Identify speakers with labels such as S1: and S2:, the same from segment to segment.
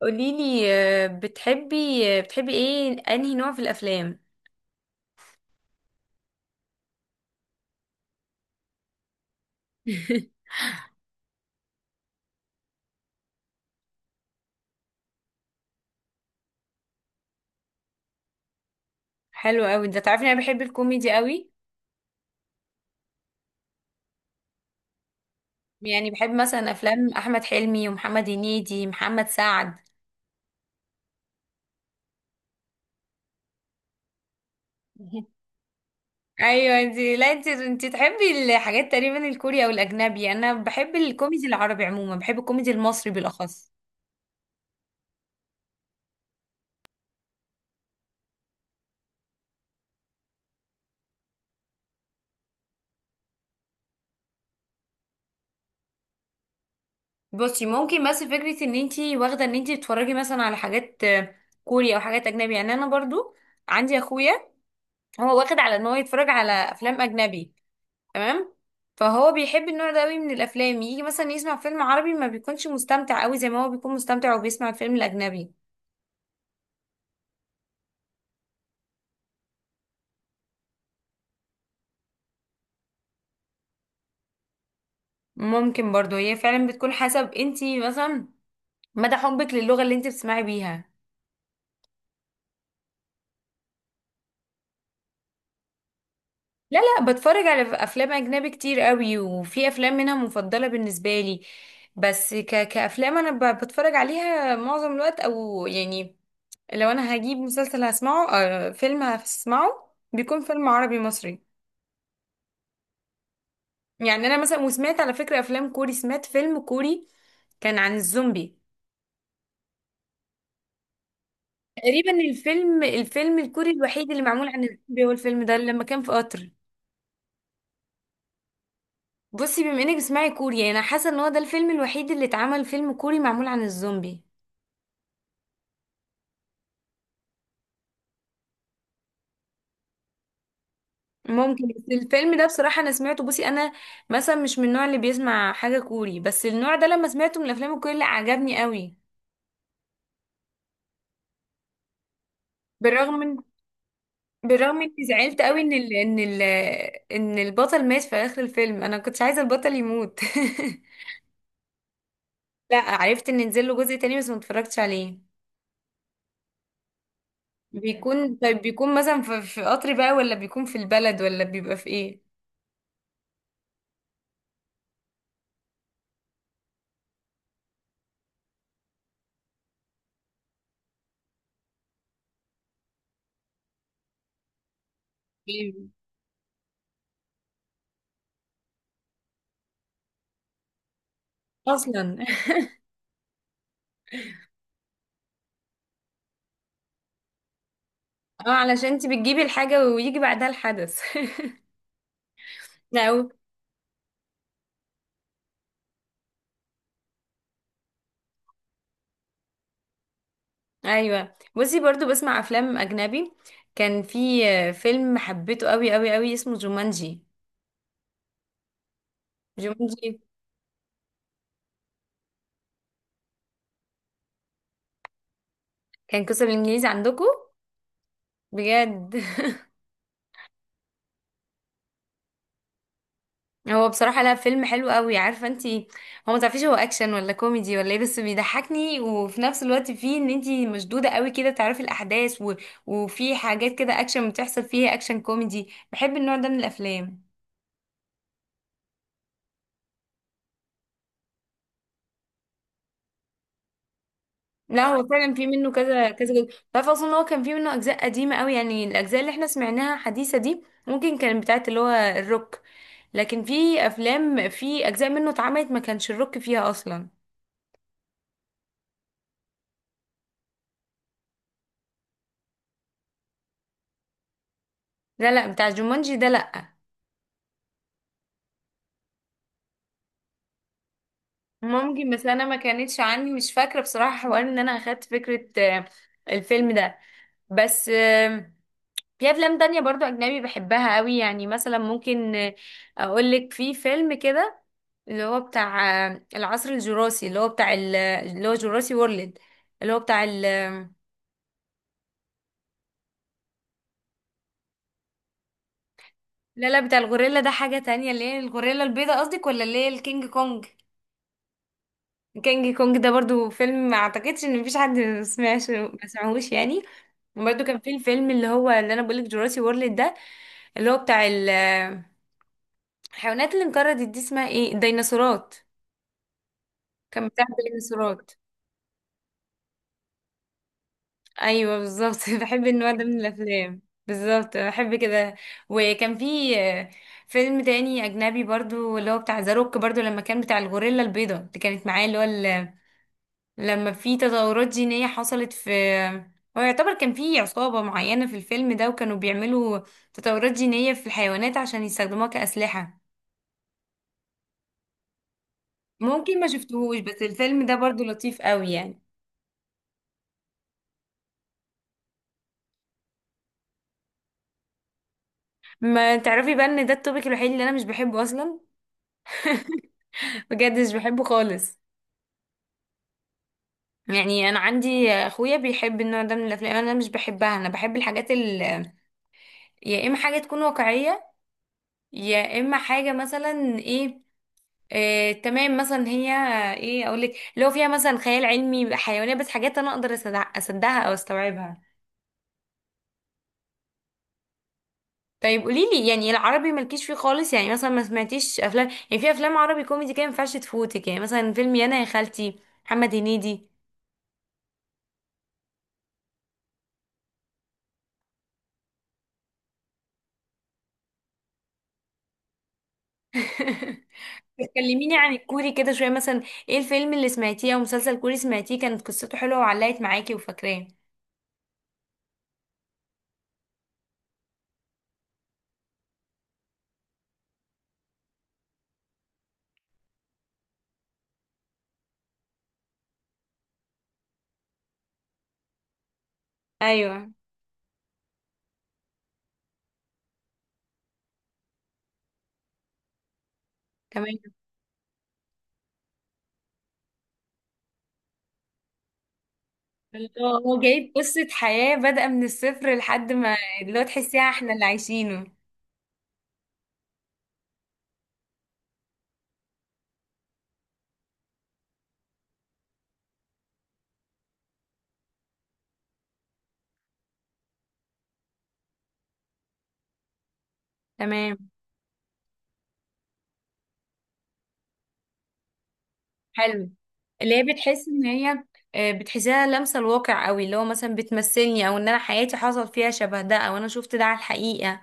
S1: قوليلي، بتحبي ايه انهي نوع في الافلام؟ حلو قوي ده. تعرفي انا بحب الكوميدي قوي. يعني بحب مثلا افلام احمد حلمي ومحمد هنيدي محمد سعد. ايوه. انت لا انت انت تحبي الحاجات تقريبا الكوري او الاجنبي. انا بحب الكوميدي العربي عموما، بحب الكوميدي المصري بالاخص. بصي، ممكن بس فكره ان انت واخده ان انت بتتفرجي مثلا على حاجات كوري او حاجات اجنبي. يعني انا برضو عندي اخويا هو واخد على ان هو يتفرج على افلام اجنبي. تمام. فهو بيحب النوع ده قوي من الافلام، يجي مثلا يسمع فيلم عربي ما بيكونش مستمتع قوي زي ما هو بيكون مستمتع وبيسمع الفيلم الاجنبي. ممكن برضو هي فعلا بتكون حسب انتي مثلا مدى حبك للغة اللي انتي بتسمعي بيها. لا، لا، بتفرج على افلام اجنبي كتير قوي، وفي افلام منها مفضلة بالنسبة لي. بس كافلام انا بتفرج عليها معظم الوقت، او يعني لو انا هجيب مسلسل هسمعه، فيلم هسمعه، بيكون فيلم عربي مصري. يعني انا مثلا وسمعت على فكرة افلام كوري، سمعت فيلم كوري كان عن الزومبي. تقريبا الفيلم الكوري الوحيد اللي معمول عن الزومبي هو الفيلم ده، لما كان في قطر. بصي، بما انك بتسمعي كوري، يعني انا حاسة ان هو ده الفيلم الوحيد اللي اتعمل فيلم كوري معمول عن الزومبي. ممكن، بس الفيلم ده بصراحة انا سمعته. بصي انا مثلا مش من النوع اللي بيسمع حاجة كوري، بس النوع ده لما سمعته من الافلام الكوري لا، عجبني قوي. بالرغم من، بالرغم اني زعلت قوي ان ان البطل مات في اخر الفيلم. انا كنتش عايزه البطل يموت. لا، عرفت ان نزل له جزء تاني بس ما اتفرجتش عليه. بيكون مثلا في قطر بقى، ولا بيكون في البلد، ولا بيبقى في ايه؟ إيه؟ اصلا. اه، علشان انت بتجيبي الحاجه ويجي بعدها الحدث. أو، ايوه، بصي برضو بسمع افلام اجنبي. كان في فيلم حبيته قوي قوي قوي اسمه جومانجي. جومانجي كان قصة بالانجليزي عندكم؟ بجد. هو بصراحة، لا، فيلم حلو قوي عارفة انتي. هو ما تعرفيش هو اكشن ولا كوميدي ولا ايه، بس بيضحكني وفي نفس الوقت فيه ان انتي مشدودة قوي كده، تعرفي الاحداث وفي حاجات كده اكشن بتحصل فيها، اكشن كوميدي، بحب النوع ده من الافلام. لا هو فعلا في منه كذا كذا جزء. تعرف اصلا إن هو كان في منه اجزاء قديمة قوي؟ يعني الاجزاء اللي احنا سمعناها حديثة دي ممكن كانت بتاعت اللي هو الروك، لكن في افلام في اجزاء منه اتعملت ما كانش الروك فيها اصلا. لا، لا، بتاع جومانجي ده، لا. ممكن، بس انا ما كانتش عندي، مش فاكره بصراحه حوار ان انا اخدت فكره الفيلم ده. بس في افلام تانية برضو اجنبي بحبها قوي، يعني مثلا ممكن اقولك في فيلم كده اللي هو بتاع العصر الجراسي، اللي هو بتاع اللي هو جراسي وورلد، اللي هو بتاع لا، لا، بتاع الغوريلا ده حاجه تانية. اللي هي الغوريلا البيضاء قصدك، ولا اللي هي الكينج كونج؟ الكينج كونج ده برضو فيلم، ما اعتقدش ان مفيش حد ما سمعش، ما سمعهوش يعني. وبرده كان في الفيلم اللي هو اللي انا بقولك جوراسي وورلد ده، اللي هو بتاع الحيوانات اللي انقرضت دي اسمها ايه، الديناصورات. كان بتاع الديناصورات. ايوه بالظبط. بحب النوع ده من الافلام بالظبط، بحب كده. وكان في فيلم تاني اجنبي برضو اللي هو بتاع ذا روك، برضو لما كان بتاع الغوريلا البيضاء اللي كانت معاه، اللي هو لما في تطورات جينية حصلت في، هو يعتبر كان في عصابة معينة في الفيلم ده وكانوا بيعملوا تطورات جينية في الحيوانات عشان يستخدموها كأسلحة. ممكن ما شفتهوش، بس الفيلم ده برضو لطيف قوي يعني. ما تعرفي بقى ان ده التوبيك الوحيد اللي انا مش بحبه اصلا. بجد مش بحبه خالص. يعني انا عندي اخويا بيحب النوع ده من الافلام، انا مش بحبها. انا بحب الحاجات يا اما حاجة تكون واقعية، يا اما حاجة مثلا ايه، تمام، مثلا هي ايه اقول لك، اللي هو فيها مثلا خيال علمي، حيوانات، بس حاجات انا اقدر اصدقها او استوعبها. طيب قولي لي يعني، العربي مالكيش فيه خالص يعني؟ مثلا ما سمعتيش افلام يعني، في افلام عربي كوميدي كده ما ينفعش تفوتك، يعني مثلا فيلم يانا يا خالتي، محمد هنيدي. كلميني عن الكوري كده شويه مثلا. ايه الفيلم اللي سمعتيه او مسلسل كوري سمعتيه كانت قصته حلوه وعلقت معاكي وفاكراه؟ ايوه. تمام. هو جايب قصه حياه بادئه من الصفر لحد ما اللي هو تحسيها احنا اللي عايشينه. تمام. حلو. اللي هي بتحس ان هي بتحسها لامسه الواقع قوي، اللي هو مثلا بتمثلني او ان انا حياتي حصل فيها شبه ده، او انا شفت ده على الحقيقه.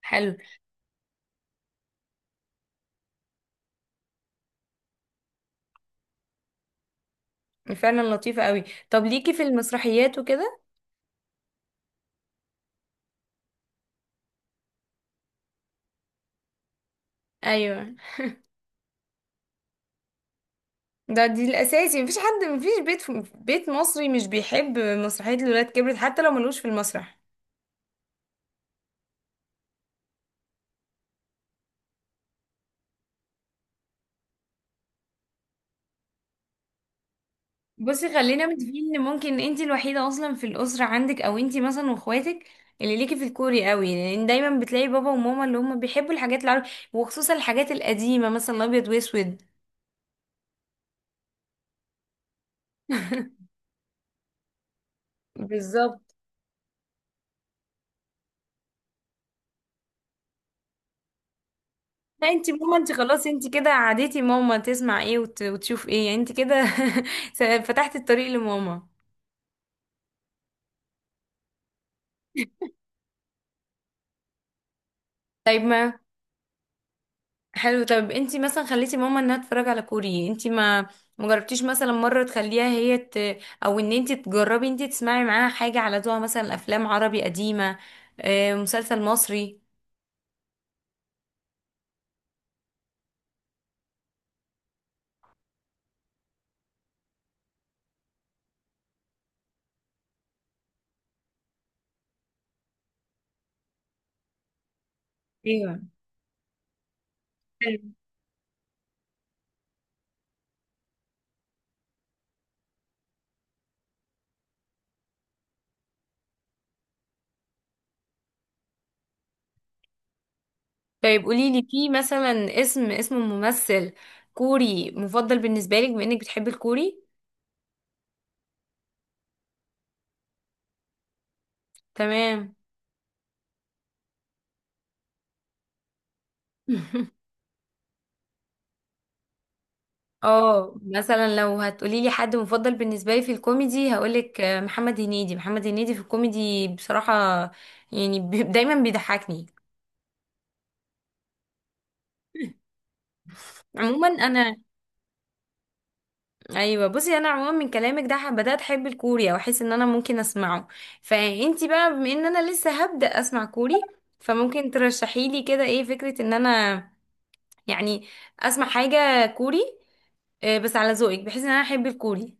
S1: حلو. فعلا لطيفه قوي. طب ليكي في المسرحيات وكده؟ ايوه. دي الاساسي، مفيش حد، مفيش بيت مصري مش بيحب مسرحيه الولاد كبرت حتى لو ملوش في المسرح. بصي خلينا متفقين ان ممكن انت الوحيده اصلا في الاسره عندك، او انت مثلا واخواتك اللي ليكي في الكوري قوي، لان دايما بتلاقي بابا وماما اللي هم بيحبوا الحاجات العربي وخصوصا الحاجات القديمه مثلا الابيض واسود. بالظبط. لا، انت ماما انت خلاص، انت كده عادتي ماما تسمع ايه وتشوف ايه، يعني انت كده فتحتي الطريق لماما. طيب ما حلو. طب انتي مثلا خليتي ماما انها تتفرج على كوري، انتي ما مجربتيش مثلا مرة تخليها هي او ان انتي تجربي انتي تسمعي معاها حاجة على ذوقها، مثلا افلام عربي قديمة، مسلسل مصري. ايوه حلو. طيب قولي لي في مثلا اسم ممثل كوري مفضل بالنسبة لك، بما انك بتحبي الكوري. تمام. اه مثلا لو هتقولي لي حد مفضل بالنسبه لي في الكوميدي هقولك محمد هنيدي. محمد هنيدي في الكوميدي بصراحه يعني دايما بيضحكني. عموما انا، ايوه، بصي انا عموما من كلامك ده بدات احب الكوري، او احس ان انا ممكن اسمعه. فانتي بقى بما ان انا لسه هبدا اسمع كوري، فممكن ترشحي لي كده ايه فكره ان انا يعني اسمع حاجه كوري، بس على ذوقك، بحيث ان انا احب الكوري.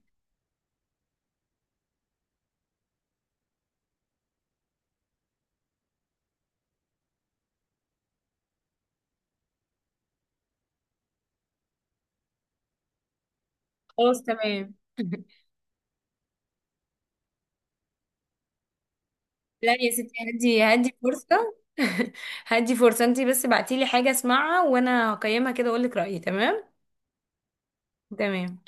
S1: خلاص تمام. لا يا ستي، هدي هدي فرصة. هدي فرصة انتي، بس بعتيلي حاجة اسمعها وانا هقيمها كده واقولك رأيي. تمام. تمام.